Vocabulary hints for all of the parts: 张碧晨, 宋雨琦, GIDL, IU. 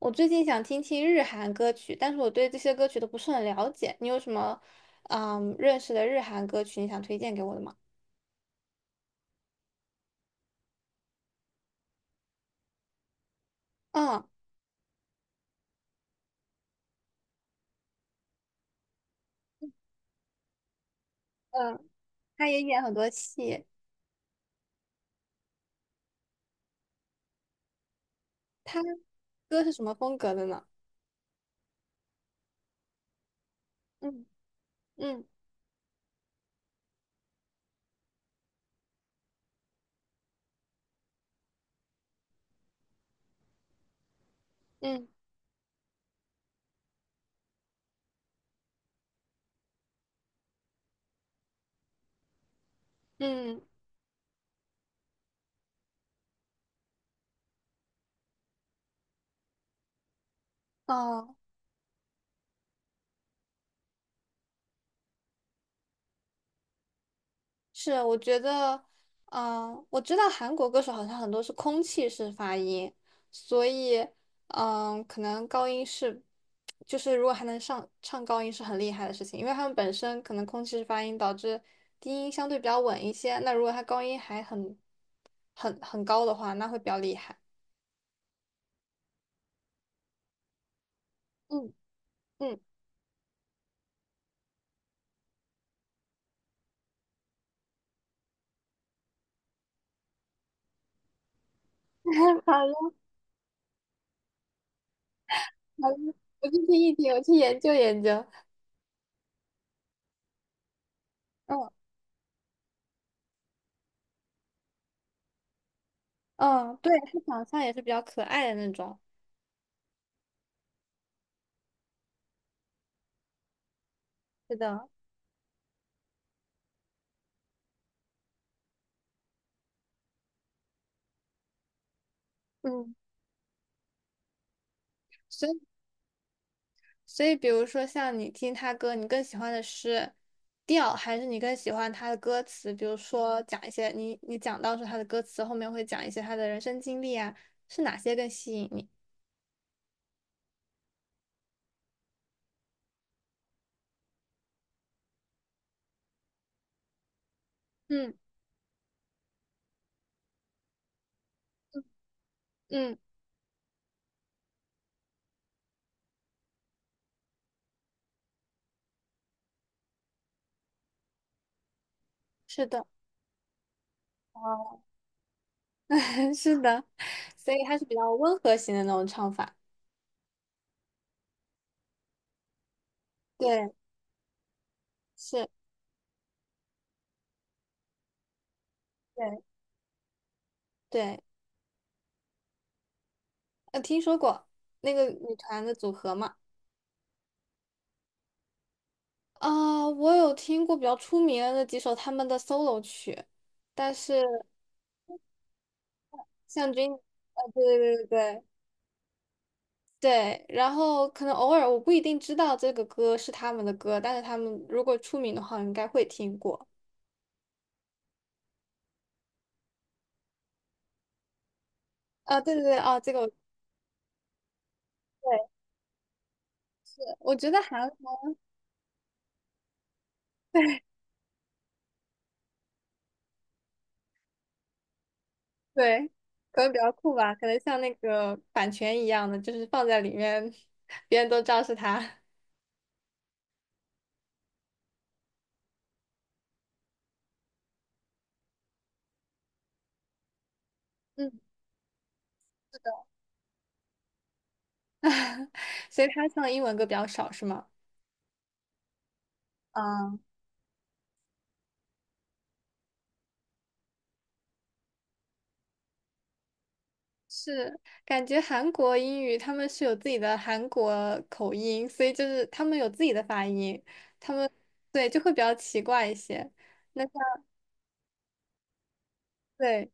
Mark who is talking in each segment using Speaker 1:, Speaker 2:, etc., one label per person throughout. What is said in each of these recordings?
Speaker 1: 我最近想听听日韩歌曲，但是我对这些歌曲都不是很了解。你有什么认识的日韩歌曲你想推荐给我的吗？嗯嗯，他也演很多戏，他歌是什么风格的呢？嗯嗯嗯嗯，哦、是，我觉得，我知道韩国歌手好像很多是空气式发音，所以，可能高音是，就是如果还能上唱高音是很厉害的事情，因为他们本身可能空气式发音导致低音相对比较稳一些，那如果他高音还很高的话，那会比较厉害。嗯嗯，好的好的，我去听一听，我去研究研究。嗯嗯，对，他长相也是比较可爱的那种。是的，嗯。所以。所以，比如说像你听他歌，你更喜欢的是调，还是你更喜欢他的歌词？比如说讲一些你讲到说他的歌词后面会讲一些他的人生经历啊，是哪些更吸引你？嗯嗯，嗯，是的，哦，是的，所以它是比较温和型的那种唱法。对，是，对对，听说过那个女团的组合嘛？啊、我有听过比较出名的那几首他们的 solo 曲。但是像军，对对对对对，然后可能偶尔我不一定知道这个歌是他们的歌，但是他们如果出名的话，我应该会听过。啊，对对对，啊，这个我对，我觉得韩国对可能比较酷吧，可能像那个版权一样的，就是放在里面，别人都知道是他。嗯，所以他唱英文歌比较少，是吗？嗯。是，感觉韩国英语他们是有自己的韩国口音，所以就是他们有自己的发音，他们对就会比较奇怪一些。那像对，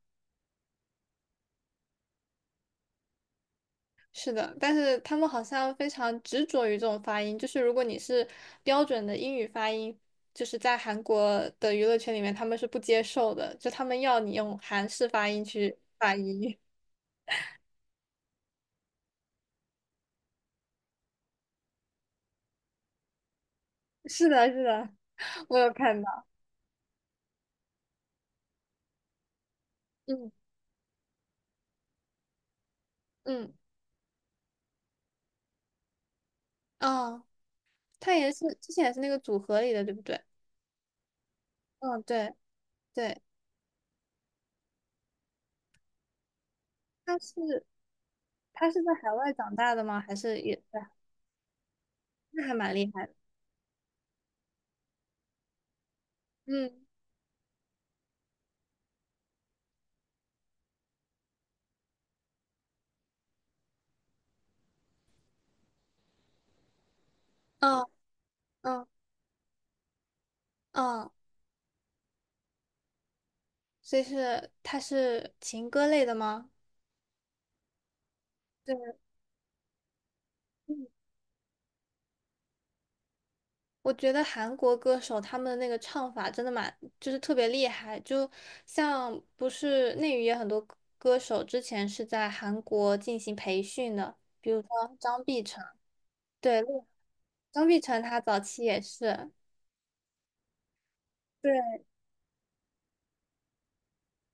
Speaker 1: 是的，但是他们好像非常执着于这种发音，就是如果你是标准的英语发音，就是在韩国的娱乐圈里面他们是不接受的，就他们要你用韩式发音去发音。是的，是的，我有看到，嗯嗯，哦，他也是之前也是那个组合里的，对不对？嗯，对对，他是他是在海外长大的吗？还是也在？那还蛮厉害的。嗯嗯嗯嗯，所以是他是情歌类的吗？对，嗯，我觉得韩国歌手他们的那个唱法真的蛮，就是特别厉害。就像不是内娱也很多歌手之前是在韩国进行培训的，比如说张碧晨，对，张碧晨她早期也是。对。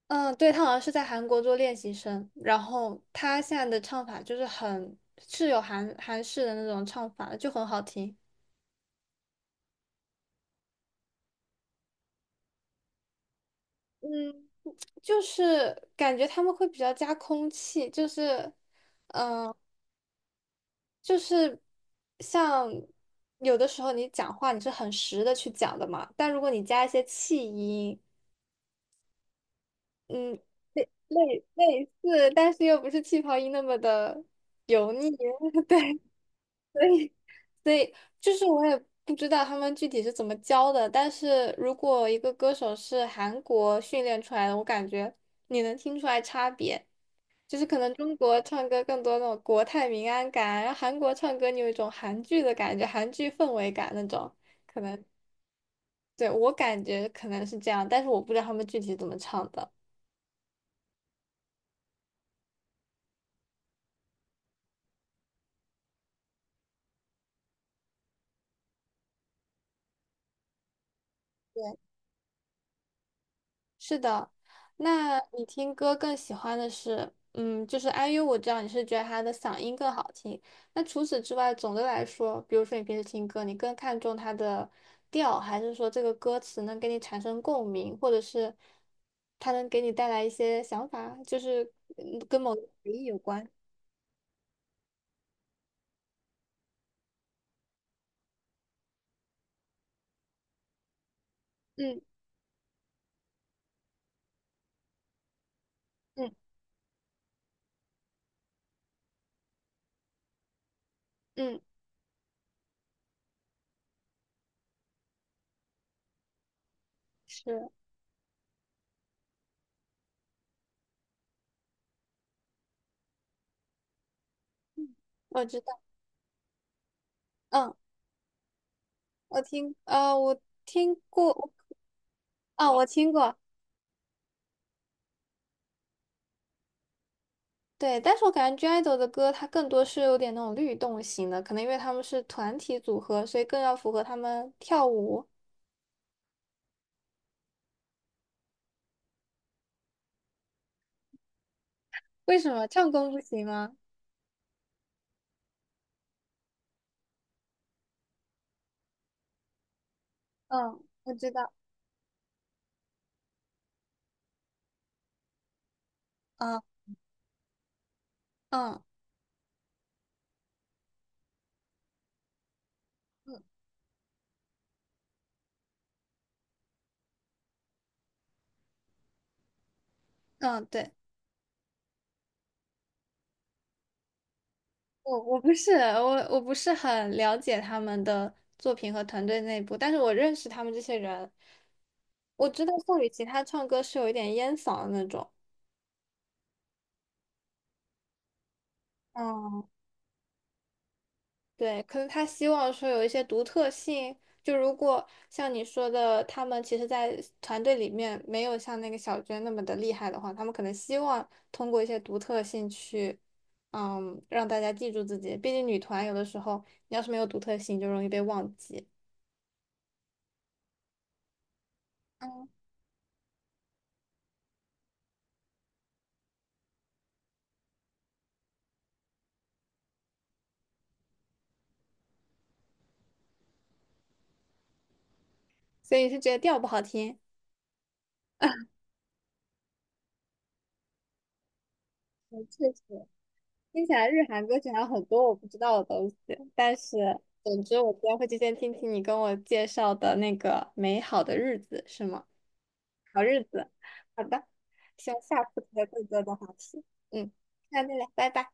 Speaker 1: 嗯，对，他好像是在韩国做练习生，然后他现在的唱法就是很是有韩式的那种唱法的就很好听。嗯，就是感觉他们会比较加空气，就是嗯，呃就是像有的时候你讲话你是很实的去讲的嘛，但如果你加一些气音，嗯，类似，但是又不是气泡音那么的油腻，对，所以。所以就是我也不知道他们具体是怎么教的，但是如果一个歌手是韩国训练出来的，我感觉你能听出来差别，就是可能中国唱歌更多那种国泰民安感，然后韩国唱歌你有一种韩剧的感觉，韩剧氛围感那种，可能，对，我感觉可能是这样，但是我不知道他们具体怎么唱的。对。是的，那你听歌更喜欢的是，嗯，就是 IU，我知道你是觉得他的嗓音更好听。那除此之外，总的来说，比如说你平时听歌，你更看重它的调，还是说这个歌词能给你产生共鸣，或者是它能给你带来一些想法，就是嗯跟某个回忆有关？嗯嗯嗯，是，我知道，嗯，我听过，啊，我听过，对，但是我感觉 GIDLE 的歌它更多是有点那种律动型的，可能因为他们是团体组合，所以更要符合他们跳舞。为什么唱功不行吗？嗯，我知道，嗯嗯嗯嗯，对，我不是很了解他们的作品和团队内部，但是我认识他们这些人，我知道宋雨琦她唱歌是有一点烟嗓的那种。嗯。对，可能他希望说有一些独特性。就如果像你说的，他们其实，在团队里面没有像那个小娟那么的厉害的话，他们可能希望通过一些独特性去，嗯，让大家记住自己。毕竟女团有的时候，你要是没有独特性，就容易被忘记。所以是觉得调不好听？嗯，确实，听起来日韩歌曲还有很多我不知道的东西。但是，总之，我今天会提前听听你跟我介绍的那个《美好的日子》，是吗？好日子。好的，希望下次再更多的话题。嗯，那再来，拜拜。